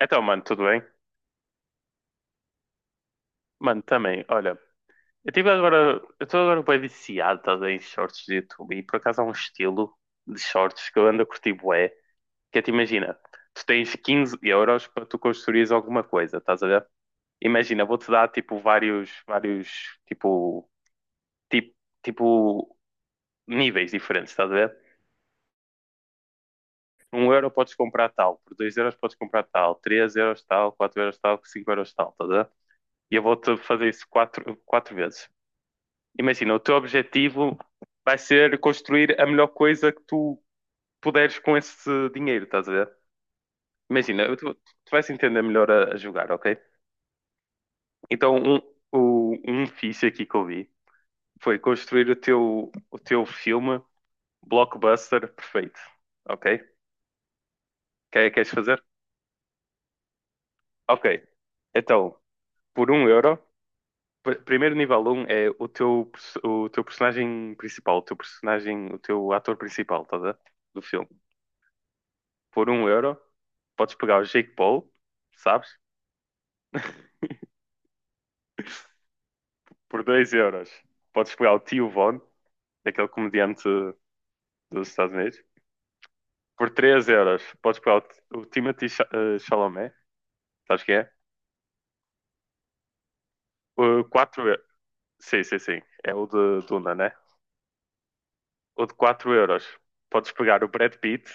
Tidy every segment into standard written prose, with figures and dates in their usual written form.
Então, mano, tudo bem? Mano, também, olha, eu estou agora bem viciado, estás a ver, em shorts de YouTube e por acaso há um estilo de shorts que eu ando a curtir bué, que é, te imagina, tu tens 15 euros para tu construires alguma coisa, estás a ver? Imagina, vou-te dar, tipo, vários, vários, tipo, tipo, tipo, níveis diferentes, estás a ver? 1 euro podes comprar tal, por 2 euros podes comprar tal, 3 euros tal, 4 euros tal, 5 euros tal, estás a ver? E eu vou-te fazer isso quatro vezes. Imagina, o teu objetivo vai ser construir a melhor coisa que tu puderes com esse dinheiro, estás a ver? Imagina, tu vais entender melhor a jogar, ok? Então, um fixe aqui que eu vi foi construir o teu filme blockbuster perfeito, ok? Queres fazer? Ok, então, por 1 euro, primeiro nível um é o teu personagem principal, o teu personagem, o teu ator principal, estás a ver? Do filme. Por um euro, podes pegar o Jake Paul, sabes? Por 2 euros, podes pegar o Tio Von, aquele comediante dos Estados Unidos. Por 3 euros, podes pegar o Chalamet, sabes quem é? O 4 euros, sim, sim, sim, é o de Duna, né? O de 4 euros, podes pegar o Brad Pitt.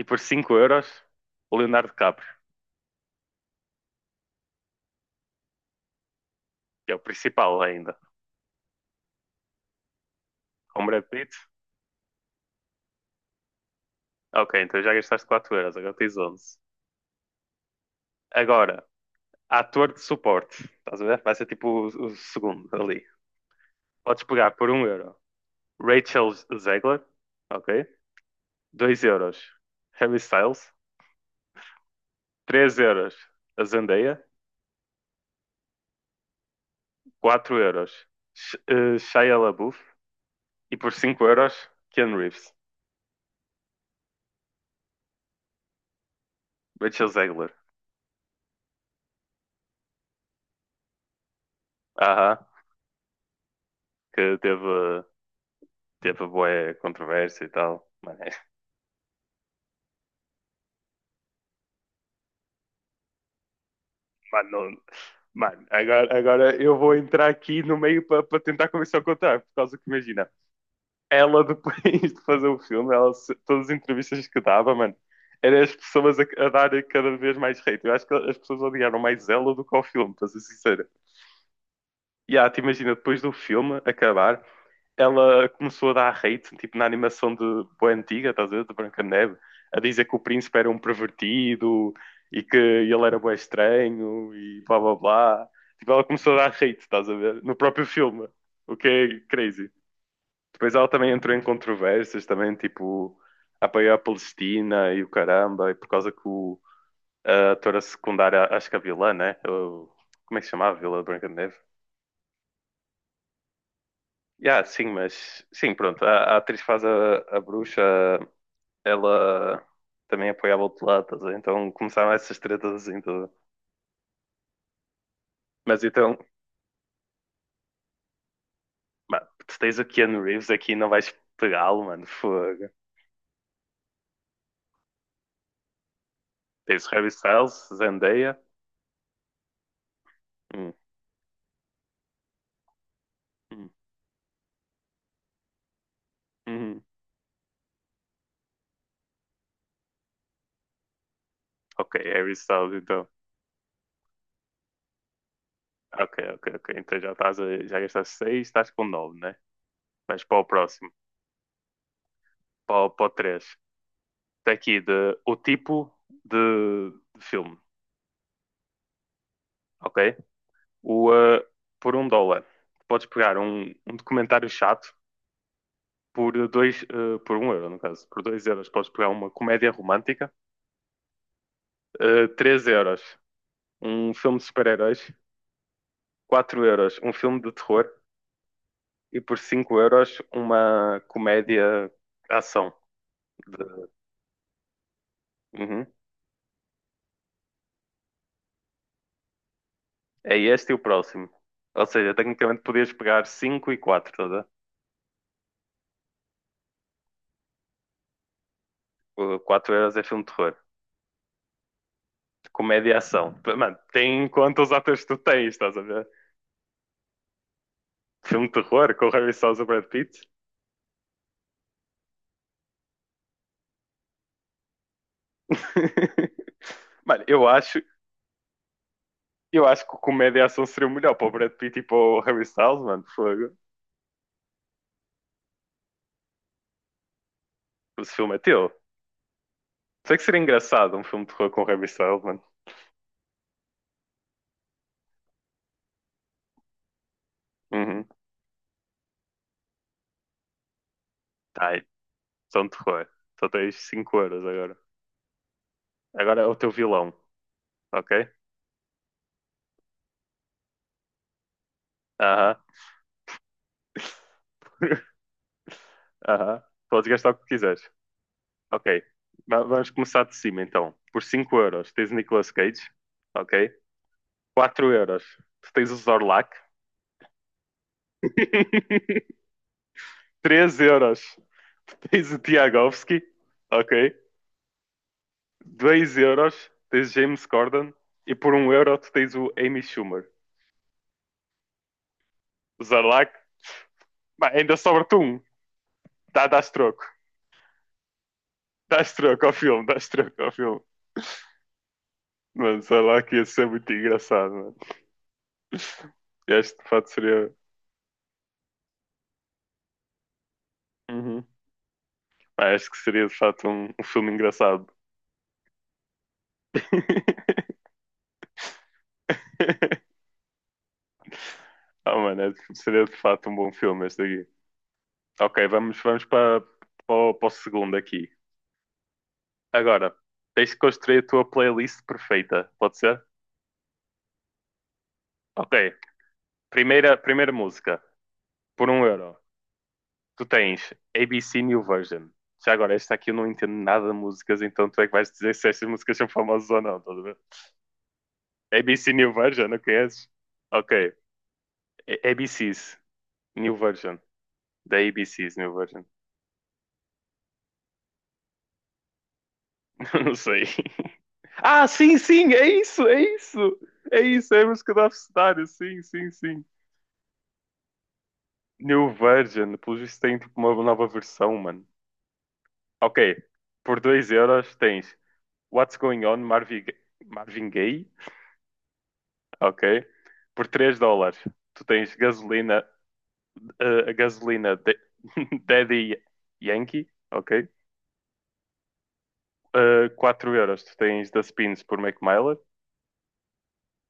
E por 5 euros, o Leonardo DiCaprio, que é o principal ainda. Com o Brad Pitt? Ok, então já gastaste 4 euros, agora tens 11. Agora, ator de suporte. Estás a ver? Vai ser tipo o segundo ali. Podes pegar por 1 euro Rachel Zegler, ok? 2 euros Harry Styles, 3 euros a Zendaya, 4 euros Shia LaBeouf e por 5 euros Ken Reeves. Rachel Zegler. Aham, que teve, teve boa controvérsia e tal. Mano, mano, mano, agora eu vou entrar aqui no meio para tentar começar a contar, por causa que imagina. Ela depois de fazer o filme, ela, todas as entrevistas que dava, mano, eram as pessoas a darem cada vez mais hate. Eu acho que as pessoas odiaram mais ela do que ao filme, para ser sincero. E te imagina, depois do filme acabar, ela começou a dar hate, tipo na animação de boa antiga, estás a ver, de Branca de Neve, a dizer que o príncipe era um pervertido e que ele era bem estranho e blá blá blá. Tipo, ela começou a dar hate, estás a ver, no próprio filme, o que é crazy. Depois ela também entrou em controvérsias, também, tipo, apoiou a Palestina e o caramba, e por causa que o, a atora secundária, acho que é a vilã, né? Como é que se chamava? Vila Branca de Neve? Yeah, sim, mas sim, pronto. A atriz que faz a bruxa, ela também apoiava o outro lado, estás a ver? Então começaram essas tretas assim todas. Mas então, mano, tu tens o Keanu Reeves aqui e não vais pegá-lo, mano, fogo. Tens o Harry Styles, Zendaya. Hum, hum, hum. Ok, Harry Styles, então. Ok, ok, ok. Então já estás a, já gastaste 6, estás com 9, né? Mas para o próximo, para o 3. Está aqui de, o tipo de, de filme, ok? O, eh, por 1 dólar, podes pegar um documentário chato por 1 euro, no caso. Por 2 euros podes pegar uma comédia romântica. 3 euros, um filme de super-heróis. 4 euros, um filme de terror. E por 5 euros, uma comédia ação. De, Uhum. É este e o próximo. Ou seja, tecnicamente podias pegar 5 e 4, estás a ver? O 4 euros é filme de terror. Comédia e ação. Mano, tem em conta os atores que tu tens, estás a ver? Filme de terror com o Harry Styles e o Brad Pitt. Mano, eu acho que o comédia e ação seria o melhor para o Brad Pitt e para o Harry Styles, mano. Fogo. Esse filme é teu. Sei que seria engraçado um filme de terror com o Harry Styles, mano. Uhum. Tá, aí. São de terror. Só tens 5 euros agora. Agora é o teu vilão, ok? Aham. Aham. Podes gastar o que quiseres. Ok. Vamos começar de cima então. Por 5 euros tens o Nicolas Cage. Ok. 4 euros tu tens o Zorlak. 3 euros tu tens o Tiagovski. Ok. 2 euros tens James Corden. E por 1 euro tu tens o Amy Schumer. O Zorlak. Bah, ainda sobra-te um. Dás troco. Dás troco ao filme. Dás troco ao filme. Mano, Zorlak ia ser muito engraçado, mano. Este de fato seria. Uhum. Pá, acho que seria de fato um filme engraçado. Ah, mano, seria de fato um bom filme este aqui. Ok, vamos para o segundo aqui. Agora, tens de construir a tua playlist perfeita, pode ser? Ok, primeira música, por 1 euro. Tu tens ABC New Version. Já agora, esta aqui eu não entendo nada de músicas, então tu é que vais dizer se estas músicas são famosas ou não, estás a ver? ABC New Version, não conheces? Ok, ABCs, New Version. Da ABC, meu version. Não sei. Ah, sim, sim, é isso, é isso. É isso, é a música do Abcedário. Sim, sim, sim. New Version, pelo visto tem tipo uma nova versão, mano. Ok, por 2 euros tens What's Going On, Marvin Gaye. Ok, por 3 dólares tu tens gasolina, a gasolina Daddy Yankee. Ok, 4 euros tu tens The Spins por Mac Miller.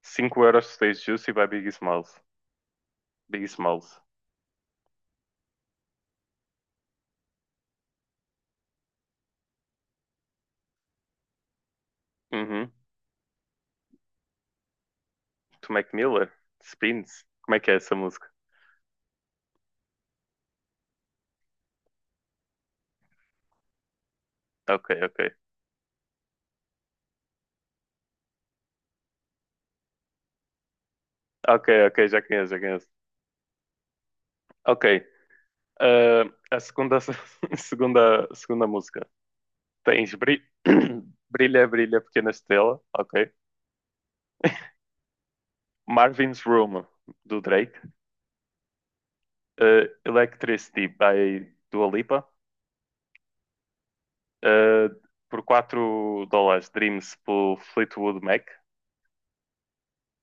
5 euros tu tens Juicy by Biggie Smalls. Big Smalls. Uhum. Mac Miller? Spins? Como é que é essa música? Ok, ok. Ok, ok, já conheço, já conheço. Ok. ah, a segunda, segunda música. Tens Brilha, Brilha, Pequena Estrela. Ok. Marvin's Room, do Drake. Ah, Electricity, by Dua Lipa. Ah, por 4 dólares, Dreams, por Fleetwood Mac.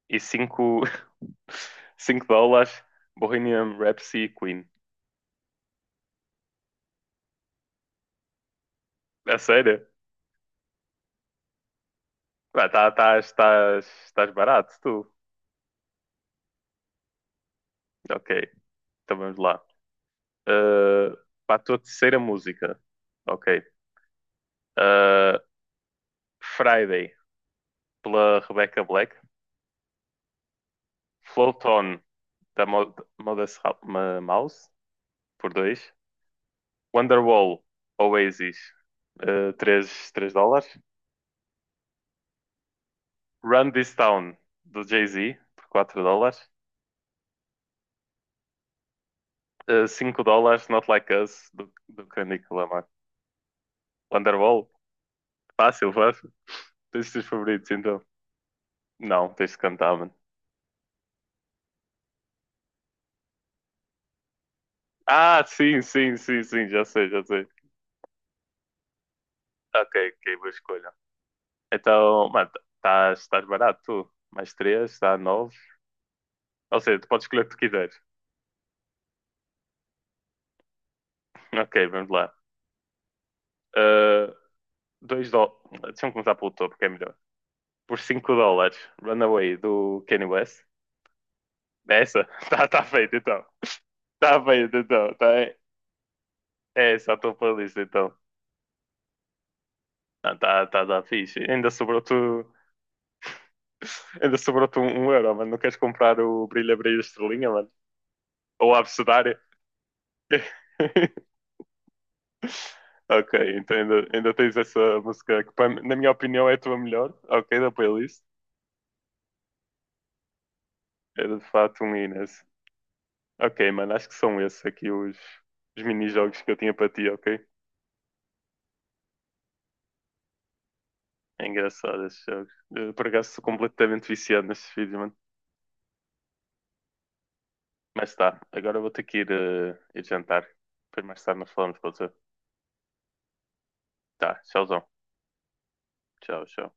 E cinco, 5 dólares, Bohemian Rhapsody, Queen. É sério? Pá, tá, estás barato, tu. Ok, então vamos lá. Uh, Para a tua terceira música. Ok. Uh, Friday, pela Rebecca Black. Float On, da Modest Mouse, por dois. Wonderwall, Oasis, três dólares. Run This Town, do Jay-Z, por 4 dólares. 5 dólares, Not Like Us, do Kendrick Lamar. Wonderwall, fácil, fácil. Tens os teus favoritos, então. Não, tens de cantar, mano. Ah, sim, sim, sim, sim, já sei, já sei. Ok, ok, boa escolha. Então, mano, estás barato, tu. Mais três, está nove. Ou seja, tu podes escolher o que tu quiseres. Ok, vamos lá. Ah, dois dólares. Deixa-me começar pelo topo, que é melhor. Por 5 dólares, Runaway do Kanye West. É essa? Tá, tá feito, então. Tá feito, então. Tá, é essa a tua playlist, então. Ah, tá, tá, tá fixe. Ainda sobrou-te um euro, mano. Não queres comprar o brilha, brilha, estrelinha, mano? Ou a abecedária? Ok, então ainda tens essa música que, na minha opinião, é a tua melhor. Ok, da playlist. Era de fato um Inês. Ok, mano, acho que são esses aqui os mini-jogos que eu tinha para ti, ok? É engraçado esses jogos. Por acaso sou completamente viciado nestes vídeos, mano. Mas tá, agora vou ter que ir, ir jantar. Depois mais tarde nós falamos, pode ser? Tá, tchauzão. Tchau, tchau.